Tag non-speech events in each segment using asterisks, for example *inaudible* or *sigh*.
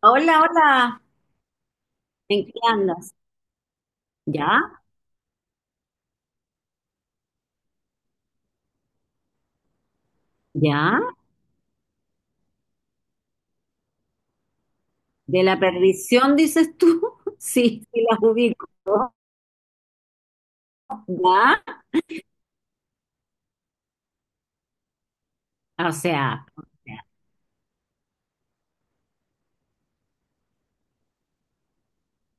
Hola, hola, ¿en qué andas? ¿Ya? ¿Ya? ¿De la perdición dices tú? *laughs* Sí, sí, la ubico. ¿Ya? O sea,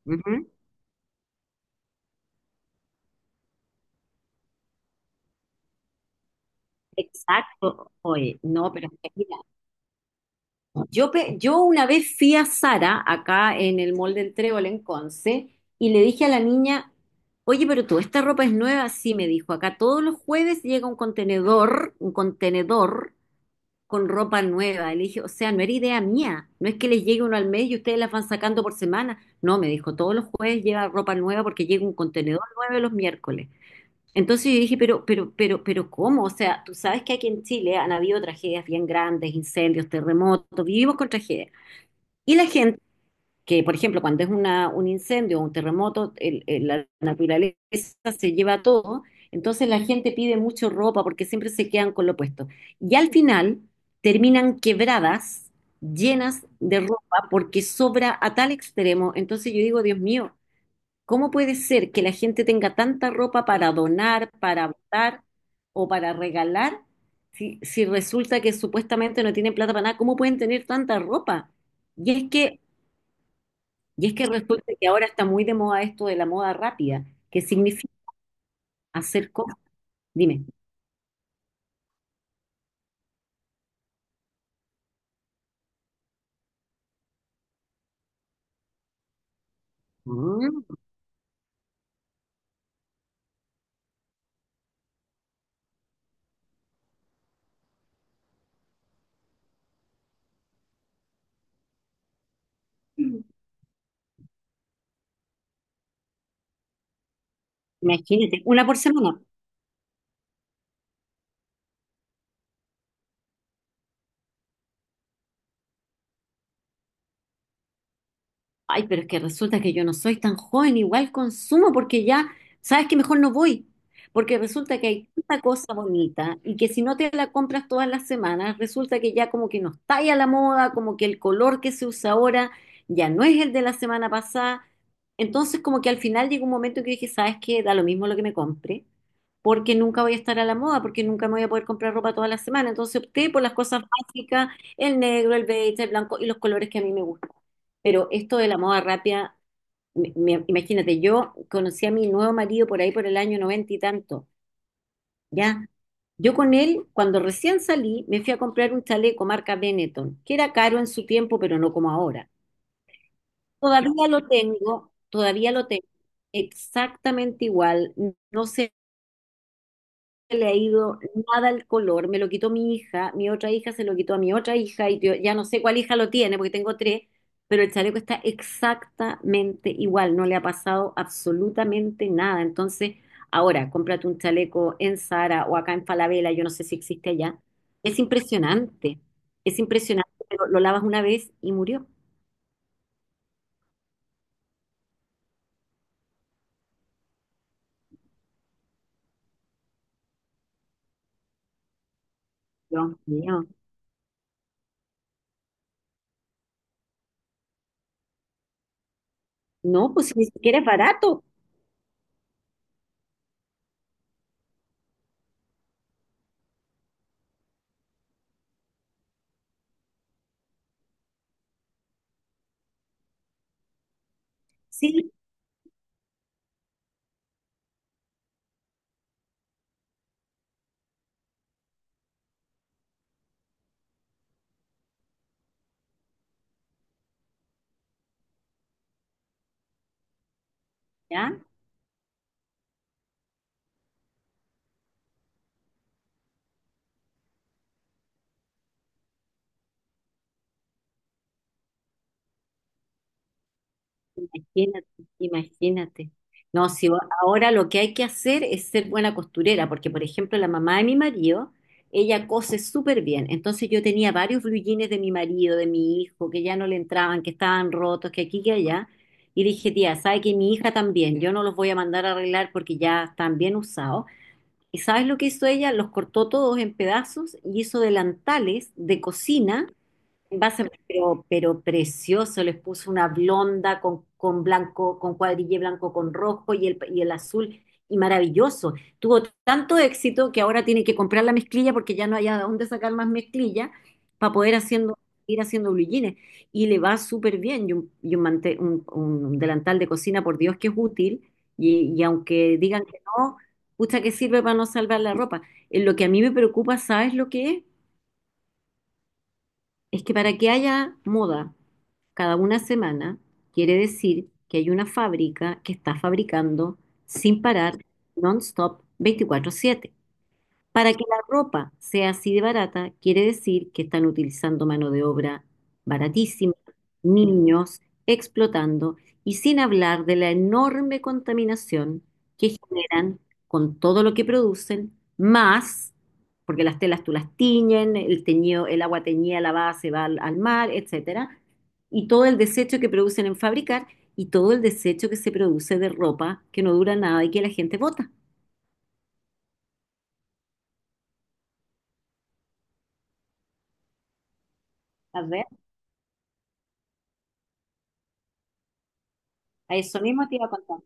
ujú, exacto. Oye, no, pero es que mira, yo una vez fui a Sara, acá en el Mall del Trébol en Conce, y le dije a la niña, oye, pero tú, ¿esta ropa es nueva? Sí, me dijo, acá todos los jueves llega un contenedor con ropa nueva. Y le dije, o sea, no era idea mía. No es que les llegue uno al mes y ustedes las van sacando por semana. No, me dijo, todos los jueves lleva ropa nueva porque llega un contenedor nuevo los miércoles. Entonces yo dije, pero, ¿cómo? O sea, tú sabes que aquí en Chile han habido tragedias bien grandes, incendios, terremotos, vivimos con tragedias. Y la gente que, por ejemplo, cuando es una, un incendio o un terremoto, la naturaleza se lleva todo, entonces la gente pide mucho ropa porque siempre se quedan con lo puesto. Y al final terminan quebradas, llenas de ropa porque sobra a tal extremo. Entonces yo digo, Dios mío, ¿cómo puede ser que la gente tenga tanta ropa para donar, para botar o para regalar? Si, si resulta que supuestamente no tienen plata para nada, ¿cómo pueden tener tanta ropa? Y es que y es que resulta que ahora está muy de moda esto de la moda rápida, que significa hacer cosas. Dime, mm. Imagínate, una por semana. Ay, pero es que resulta que yo no soy tan joven, igual consumo porque ya, sabes que mejor no voy, porque resulta que hay tanta cosa bonita y que si no te la compras todas las semanas, resulta que ya como que no está ahí a la moda, como que el color que se usa ahora ya no es el de la semana pasada. Entonces como que al final llegó un momento que dije, ¿sabes qué? Da lo mismo lo que me compre, porque nunca voy a estar a la moda, porque nunca me voy a poder comprar ropa todas las semanas. Entonces opté por las cosas básicas, el negro, el beige, el blanco y los colores que a mí me gustan. Pero esto de la moda rápida, imagínate, yo conocí a mi nuevo marido por ahí por el año noventa y tanto, ¿ya? Yo con él, cuando recién salí, me fui a comprar un chaleco marca Benetton, que era caro en su tiempo, pero no como ahora. Todavía lo tengo exactamente igual, no se le ha ido nada el color, me lo quitó mi hija, mi otra hija se lo quitó a mi otra hija y yo ya no sé cuál hija lo tiene porque tengo tres, pero el chaleco está exactamente igual, no le ha pasado absolutamente nada. Entonces, ahora cómprate un chaleco en Zara o acá en Falabella, yo no sé si existe allá. Es impresionante, es impresionante, pero lo lavas una vez y murió. Dios mío. No, pues si ni siquiera es barato. Sí, ¿ya? Imagínate, imagínate. No, si o- ahora lo que hay que hacer es ser buena costurera, porque por ejemplo la mamá de mi marido, ella cose súper bien. Entonces yo tenía varios blue jeans de mi marido, de mi hijo, que ya no le entraban, que estaban rotos, que aquí, que allá. Y dije, tía, ¿sabe que mi hija también? Yo no los voy a mandar a arreglar porque ya están bien usados. ¿Y sabes lo que hizo ella? Los cortó todos en pedazos y hizo delantales de cocina. Base, pero precioso, les puso una blonda con blanco, con cuadrille blanco con rojo y el azul, y maravilloso. Tuvo tanto éxito que ahora tiene que comprar la mezclilla porque ya no hay a dónde sacar más mezclilla para poder haciendo, ir haciendo blue jeans. Y le va súper bien. Un delantal de cocina, por Dios, que es útil. Y aunque digan que no, pucha que sirve para no salvar la ropa. Lo que a mí me preocupa, ¿sabes lo que es? Es que para que haya moda cada una semana, quiere decir que hay una fábrica que está fabricando sin parar, non-stop, 24/7. Para que la ropa sea así de barata, quiere decir que están utilizando mano de obra baratísima, niños explotando y sin hablar de la enorme contaminación que generan con todo lo que producen, más, porque las telas tú las tiñen, el teñido, el agua teñida lavada se va al, al mar, etcétera, y todo el desecho que producen en fabricar y todo el desecho que se produce de ropa que no dura nada y que la gente bota. A ver, a eso mismo te iba a contar.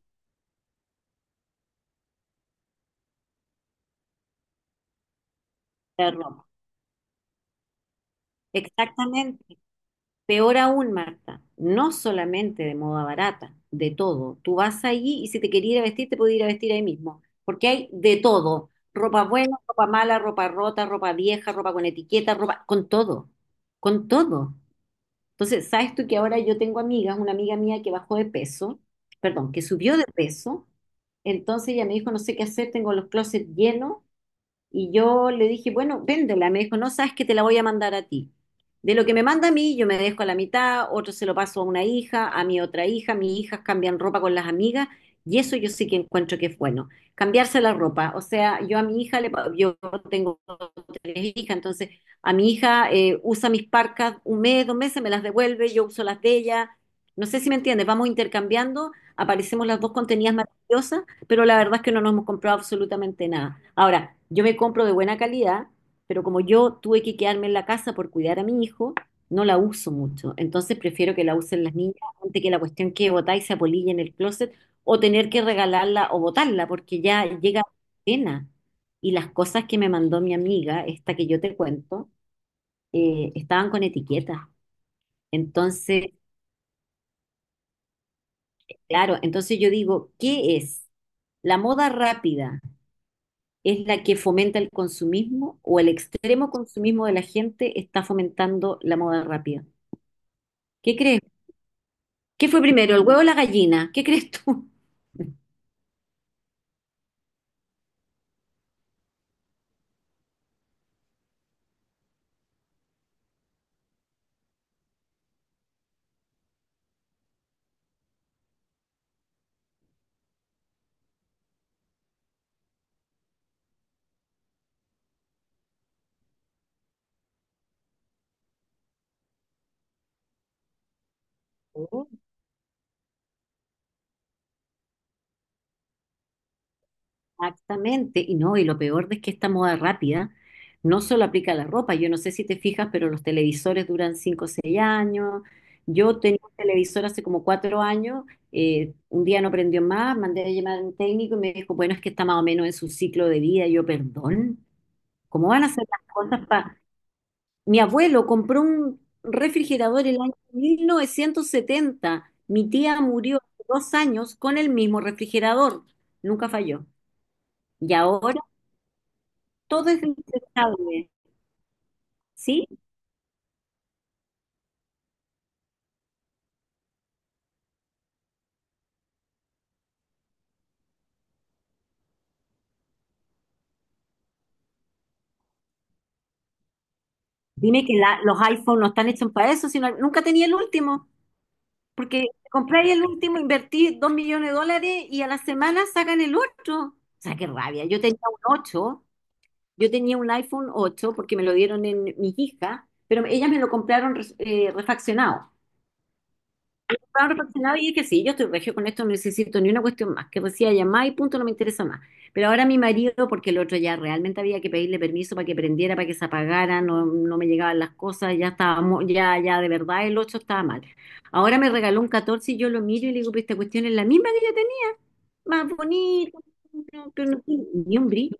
De ropa. Exactamente. Peor aún, Marta, no solamente de moda barata, de todo. Tú vas allí y si te quería ir a vestir, te puedes ir a vestir ahí mismo, porque hay de todo. Ropa buena, ropa mala, ropa rota, ropa vieja, ropa con etiqueta, ropa con todo, con todo. Entonces, ¿sabes tú que ahora yo tengo amigas, una amiga mía que bajó de peso, perdón, que subió de peso, entonces ella me dijo, no sé qué hacer, tengo los closets llenos. Y yo le dije, bueno, véndela. Me dijo, no sabes que te la voy a mandar a ti. De lo que me manda a mí, yo me dejo a la mitad, otro se lo paso a una hija, a mi otra hija, mis hijas cambian ropa con las amigas, y eso yo sí que encuentro que es bueno. Cambiarse la ropa. O sea, yo a mi hija, le, pa- yo tengo tres hijas, entonces a mi hija usa mis parcas un mes, 2 meses, me las devuelve, yo uso las de ella. No sé si me entiendes, vamos intercambiando, aparecemos las dos contenidas maravillosas, pero la verdad es que no nos hemos comprado absolutamente nada. Ahora, yo me compro de buena calidad, pero como yo tuve que quedarme en la casa por cuidar a mi hijo, no la uso mucho. Entonces prefiero que la usen las niñas antes que la cuestión que botar y se apolille en el closet o tener que regalarla o botarla porque ya llega pena. Y las cosas que me mandó mi amiga, esta que yo te cuento, estaban con etiquetas. Entonces, claro, entonces yo digo, ¿qué es? La moda rápida es la que fomenta el consumismo o el extremo consumismo de la gente está fomentando la moda rápida. ¿Qué crees? ¿Qué fue primero, el huevo o la gallina? ¿Qué crees tú? Oh, exactamente. Y no, y lo peor es que esta moda rápida no solo aplica a la ropa. Yo no sé si te fijas, pero los televisores duran 5 o 6 años. Yo tenía un televisor hace como 4 años. Un día no prendió más, mandé a llamar a un técnico y me dijo, bueno, es que está más o menos en su ciclo de vida. Y yo, perdón, ¿cómo van a hacer las cosas? Mi abuelo compró un refrigerador el año 1970. Mi tía murió hace 2 años con el mismo refrigerador. Nunca falló. Y ahora todo es desechable. ¿Sí? Dime que la- los iPhones no están hechos para eso, sino nunca tenía el último. Porque compré el último, invertí 2 millones de dólares y a la semana sacan el otro. O sea, qué rabia. Yo tenía un 8, yo tenía un iPhone 8 porque me lo dieron en mi hija, pero ellas me lo compraron res- refaccionado. Estaba reflexionada y dije, sí, yo estoy regio con esto, no necesito ni una cuestión más, que decía llamar y punto, no me interesa más. Pero ahora mi marido, porque el otro ya realmente había que pedirle permiso para que prendiera, para que se apagara, no, no me llegaban las cosas, ya estábamos, ya, ya de verdad el 8 estaba mal. Ahora me regaló un 14 y yo lo miro y le digo, pero esta cuestión es la misma que yo tenía, más bonita, no- pero no tiene ni un brillo.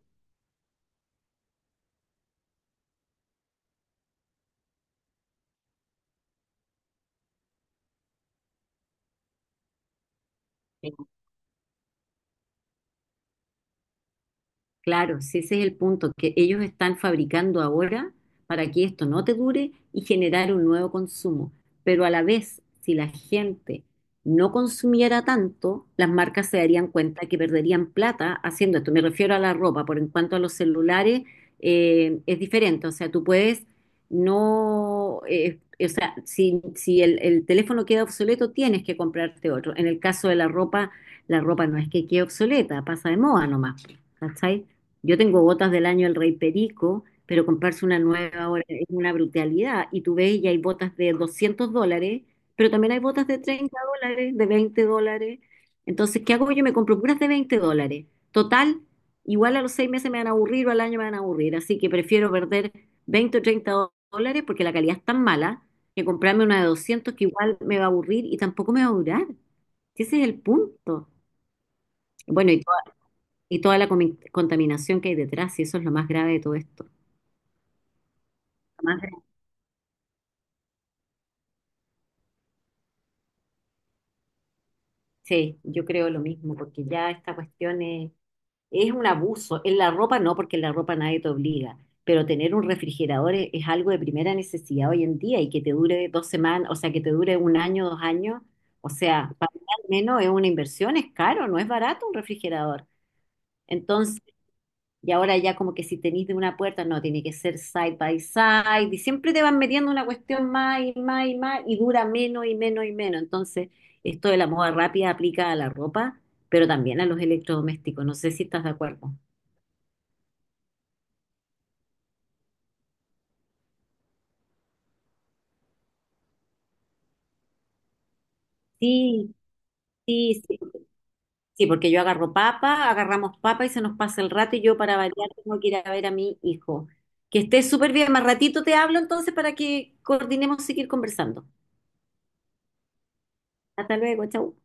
Claro, si ese es el punto, que ellos están fabricando ahora para que esto no te dure y generar un nuevo consumo. Pero a la vez, si la gente no consumiera tanto, las marcas se darían cuenta que perderían plata haciendo esto. Me refiero a la ropa, por en cuanto a los celulares, es diferente. O sea, tú puedes no, o sea, si el teléfono queda obsoleto, tienes que comprarte otro. En el caso de la ropa no es que quede obsoleta, pasa de moda nomás. ¿Cachai? Yo tengo botas del año El Rey Perico, pero comprarse una nueva ahora es una brutalidad. Y tú ves, y hay botas de 200 dólares, pero también hay botas de 30 dólares, de 20 dólares. Entonces, ¿qué hago yo? Me compro puras de 20 dólares. Total, igual a los 6 meses me van a aburrir o al año me van a aburrir. Así que prefiero perder 20 o 30 dólares porque la calidad es tan mala que comprarme una de 200 que igual me va a aburrir y tampoco me va a durar. Ese es el punto. Bueno, y toda la contaminación que hay detrás, y eso es lo más grave de todo esto. Más de- Sí, yo creo lo mismo, porque ya esta cuestión es un abuso. En la ropa no, porque en la ropa nadie te obliga, pero tener un refrigerador es algo de primera necesidad hoy en día y que te dure 2 semanas, o sea, que te dure un año, 2 años, o sea, para mí al menos es una inversión, es caro, no es barato un refrigerador. Entonces y ahora ya como que si tenís de una puerta, no, tiene que ser side by side. Y siempre te van metiendo una cuestión más y más y más y dura menos y menos y menos. Entonces, esto de la moda rápida aplica a la ropa, pero también a los electrodomésticos. No sé si estás de acuerdo. Sí, sí, sí. Sí, porque yo agarro papa, agarramos papa y se nos pasa el rato y yo para variar tengo que ir a ver a mi hijo. Que estés súper bien. Más ratito te hablo entonces para que coordinemos seguir conversando. Hasta luego, chau.